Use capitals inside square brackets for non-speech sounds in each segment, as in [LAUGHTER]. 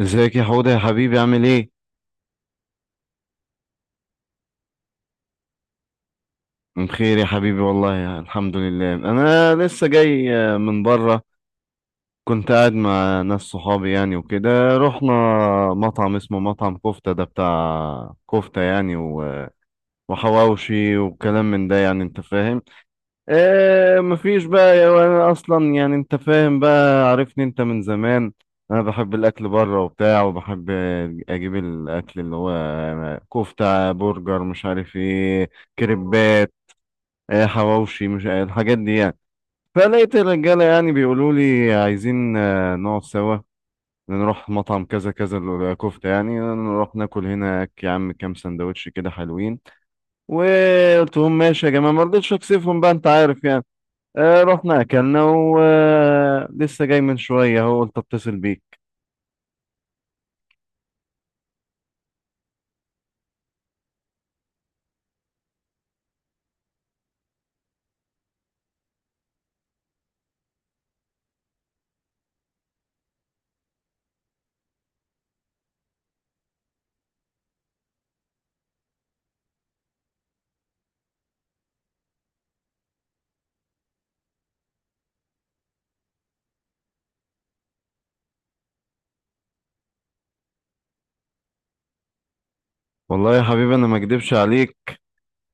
ازيك يا حوده يا حبيبي؟ عامل ايه؟ بخير يا حبيبي والله، الحمد لله. انا لسه جاي من بره. كنت قاعد مع ناس صحابي يعني وكده. رحنا مطعم اسمه مطعم كفتة، ده بتاع كفتة يعني وحواوشي وكلام من ده، يعني انت فاهم. آه، مفيش بقى وانا اصلا يعني انت فاهم بقى، عارفني انت من زمان. انا بحب الاكل بره وبتاع، وبحب اجيب الاكل اللي هو كفتة، برجر، مش عارف ايه، كريبات، آه، حواوشي، مش الحاجات دي يعني. فلقيت الرجالة يعني بيقولوا لي عايزين نقعد سوا، نروح مطعم كذا كذا الكفتة يعني، نروح ناكل هناك يا عم كام سندوتش كده حلوين. وقلت لهم ماشي يا جماعة، ما رضيتش اكسفهم بقى، انت عارف يعني. رحنا اكلنا ولسه جاي من شويه، هو قلت اتصل بيك. والله يا حبيبي انا ما اكدبش عليك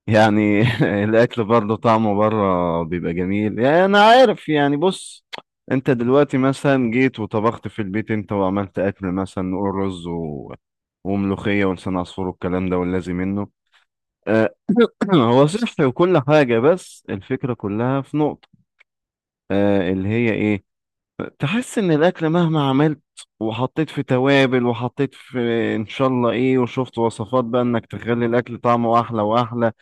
يعني [LAUGHS] الاكل برضه طعمه بره بيبقى جميل، يعني انا عارف يعني. بص، انت دلوقتي مثلا جيت وطبخت في البيت انت، وعملت اكل مثلا نقول رز وملوخيه ولسان عصفور والكلام ده واللازم منه، آه، [CLEARS THROAT] هو صحي وكل حاجه، بس الفكره كلها في نقطه، آه، اللي هي ايه؟ تحس ان الاكل مهما عملت وحطيت في توابل وحطيت في ان شاء الله ايه، وشفت وصفات بقى انك تخلي الاكل طعمه احلى واحلى،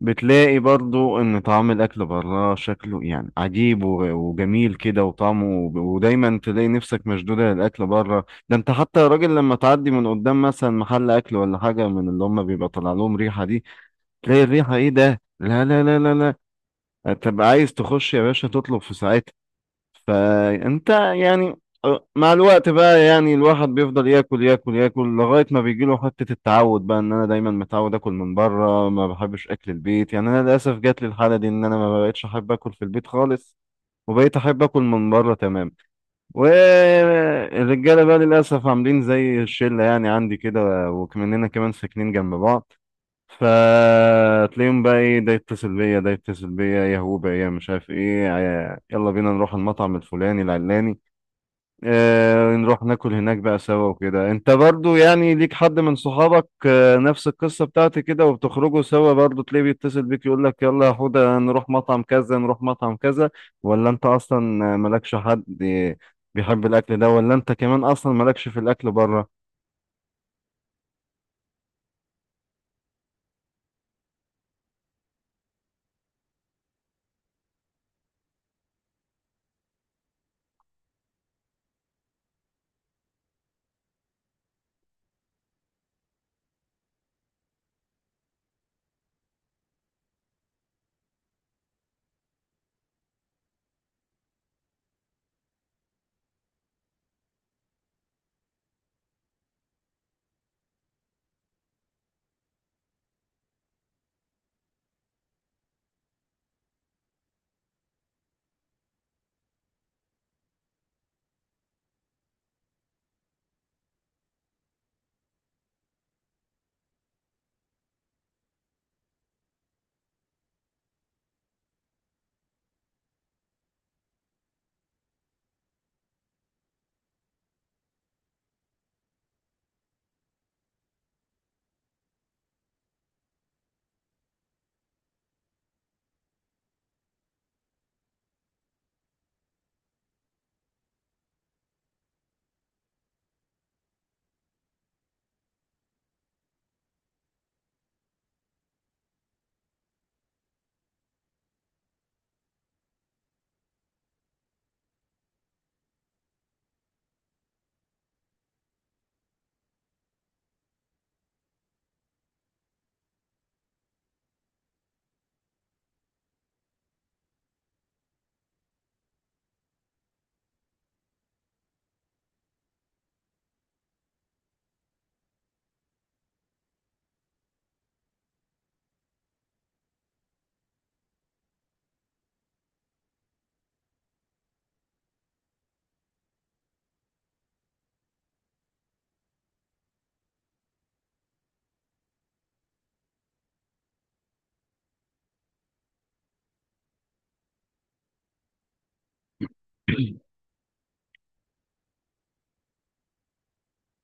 بتلاقي برضو ان طعم الاكل بره شكله يعني عجيب وجميل كده وطعمه. ودايما تلاقي نفسك مشدودة للاكل بره ده. انت حتى يا راجل لما تعدي من قدام مثلا محل اكل ولا حاجة من اللي هم، بيبقى طالع لهم ريحة دي، تلاقي الريحة ايه ده، لا لا لا لا، لا تبقى عايز تخش يا باشا تطلب في ساعتها. فانت يعني مع الوقت بقى يعني الواحد بيفضل ياكل ياكل ياكل لغاية ما بيجيله حتة التعود بقى، ان انا دايما متعود اكل من بره، ما بحبش اكل البيت. يعني انا للاسف جات لي الحالة دي ان انا ما بقتش احب اكل في البيت خالص، وبقيت احب اكل من بره، تمام. والرجالة بقى للاسف عاملين زي الشلة يعني عندي كده، وكمننا كمان ساكنين جنب بعض، فتلاقيهم بقى ايه، ده يتصل بيا، ده يتصل بيا، يا هو بقى، يا مش عارف ايه، يلا بينا نروح المطعم الفلاني العلاني، آه، نروح ناكل هناك بقى سوا وكده. انت برضو يعني ليك حد من صحابك، آه، نفس القصة بتاعتي كده، وبتخرجوا سوا برضو تلاقيه بيتصل بيك يقول لك يلا يا حودة نروح مطعم كذا، نروح مطعم كذا؟ ولا انت اصلا مالكش حد بيحب الاكل ده؟ ولا انت كمان اصلا مالكش في الاكل بره؟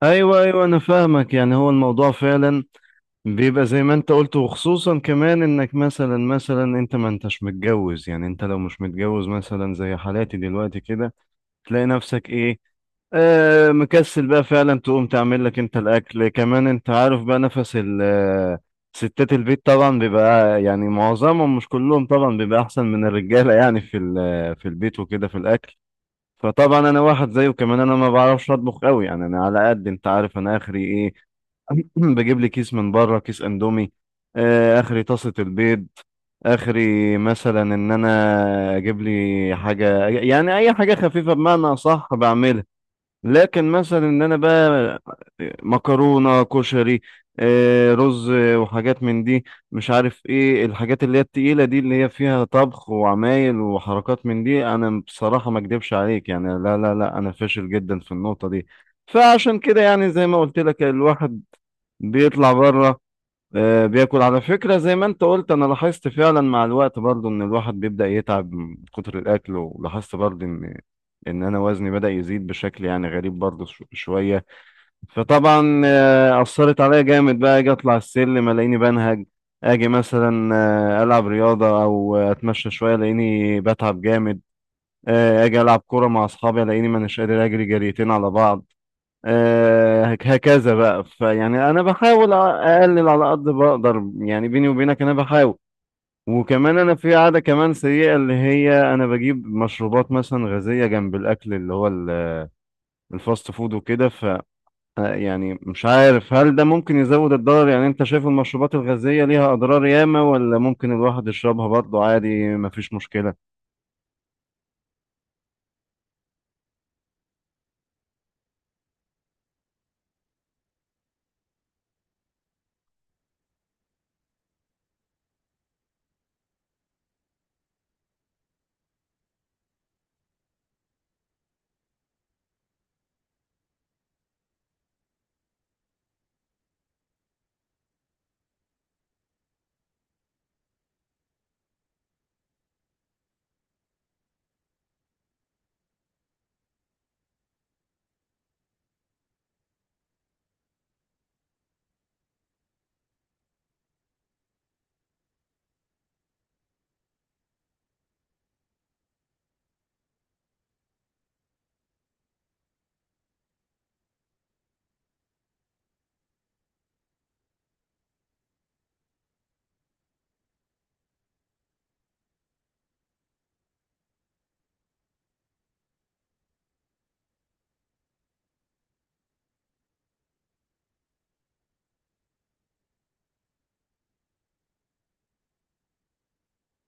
ايوه ايوه، انا فاهمك. يعني هو الموضوع فعلا بيبقى زي ما انت قلت، وخصوصا كمان انك مثلا، انت ما انتش متجوز. يعني انت لو مش متجوز مثلا زي حالاتي دلوقتي كده، تلاقي نفسك ايه، آه، مكسل بقى فعلا تقوم تعمل لك انت الاكل. كمان انت عارف بقى نفس ال ستات البيت طبعا بيبقى يعني معظمهم، مش كلهم طبعا، بيبقى احسن من الرجاله يعني في آه، في البيت وكده في الاكل. فطبعا انا واحد زيه كمان، انا ما بعرفش اطبخ قوي يعني. انا على قد انت عارف، انا اخري ايه، [CLEARS THROAT] بجيب لي كيس من بره، كيس اندومي، آه، اخري طاسة البيض، اخري مثلا ان انا اجيب لي حاجة يعني اي حاجة خفيفة بمعنى صح بعملها. لكن مثلا ان انا بقى مكرونة، كشري، آه، رز، آه، وحاجات من دي، مش عارف ايه الحاجات اللي هي التقيلة دي اللي هي فيها طبخ وعمايل وحركات من دي، انا بصراحة ما اكدبش عليك يعني، لا لا لا، انا فاشل جدا في النقطة دي. فعشان كده يعني زي ما قلت لك، الواحد بيطلع بره، آه، بياكل. على فكرة زي ما انت قلت، انا لاحظت فعلا مع الوقت برضو ان الواحد بيبدأ يتعب من كتر الاكل، ولاحظت برضو ان ان انا وزني بدأ يزيد بشكل يعني غريب برضو شوية. فطبعا آه، اثرت عليا جامد بقى، اجي اطلع السلم الاقيني بنهج، اجي مثلا آه، العب رياضة او اتمشى شوية الاقيني بتعب جامد، آه، اجي العب كورة مع اصحابي الاقيني ما أناش قادر اجري جريتين على بعض، آه، هكذا بقى. فيعني انا بحاول اقلل على قد بقدر يعني، بيني وبينك انا بحاول. وكمان انا في عادة كمان سيئة اللي هي انا بجيب مشروبات مثلا غازية جنب الاكل اللي هو الفاست فود وكده، ف آه، يعني مش عارف هل ده ممكن يزود الضرر؟ يعني انت شايف المشروبات الغازية ليها اضرار ياما، ولا ممكن الواحد يشربها برضه عادي مفيش مشكلة؟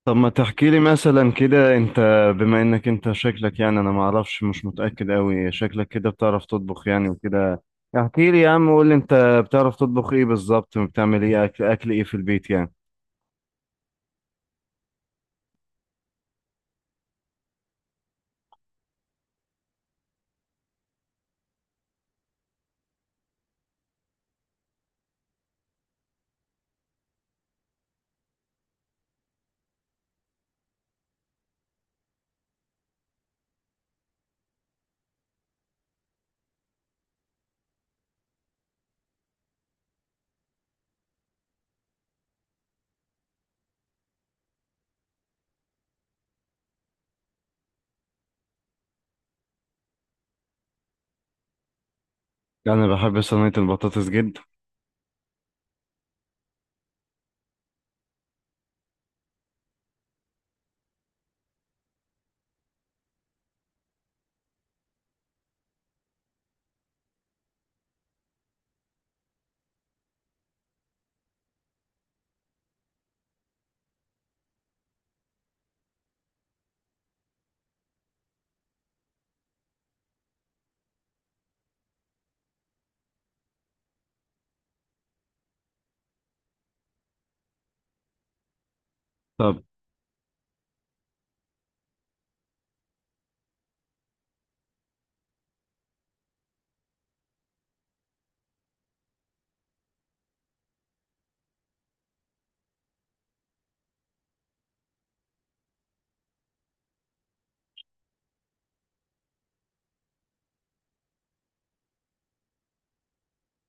طب ما تحكي لي مثلا كده انت، بما انك انت شكلك، يعني انا ما اعرفش، مش متأكد قوي، شكلك كده بتعرف تطبخ يعني وكده. احكي لي يا عم وقول لي انت بتعرف تطبخ ايه بالظبط، وبتعمل ايه اكل، اكل ايه في البيت يعني؟ انا بحب صينية البطاطس جدا. طب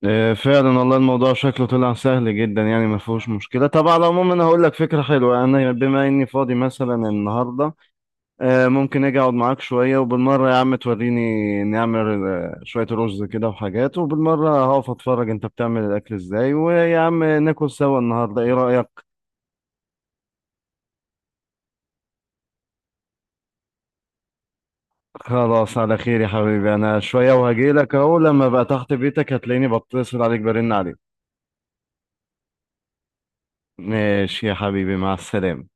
اه، فعلا والله الموضوع شكله طلع سهل جدا يعني، ما فيهوش مشكلة. طب على العموم انا هقول لك فكرة حلوة، انا بما اني فاضي مثلا النهاردة، آه، ممكن اجي اقعد معاك شويه، وبالمره يا عم توريني نعمل آه، شويه رز كده وحاجات، وبالمره هقف اتفرج انت بتعمل الاكل ازاي، ويا عم ناكل سوا النهارده، ايه رايك؟ خلاص، على خير يا حبيبي. انا شويه وهجيلك اهو، لما بقى تحت بيتك هتلاقيني بتصل عليك، برن عليك. ماشي يا حبيبي، مع السلامه.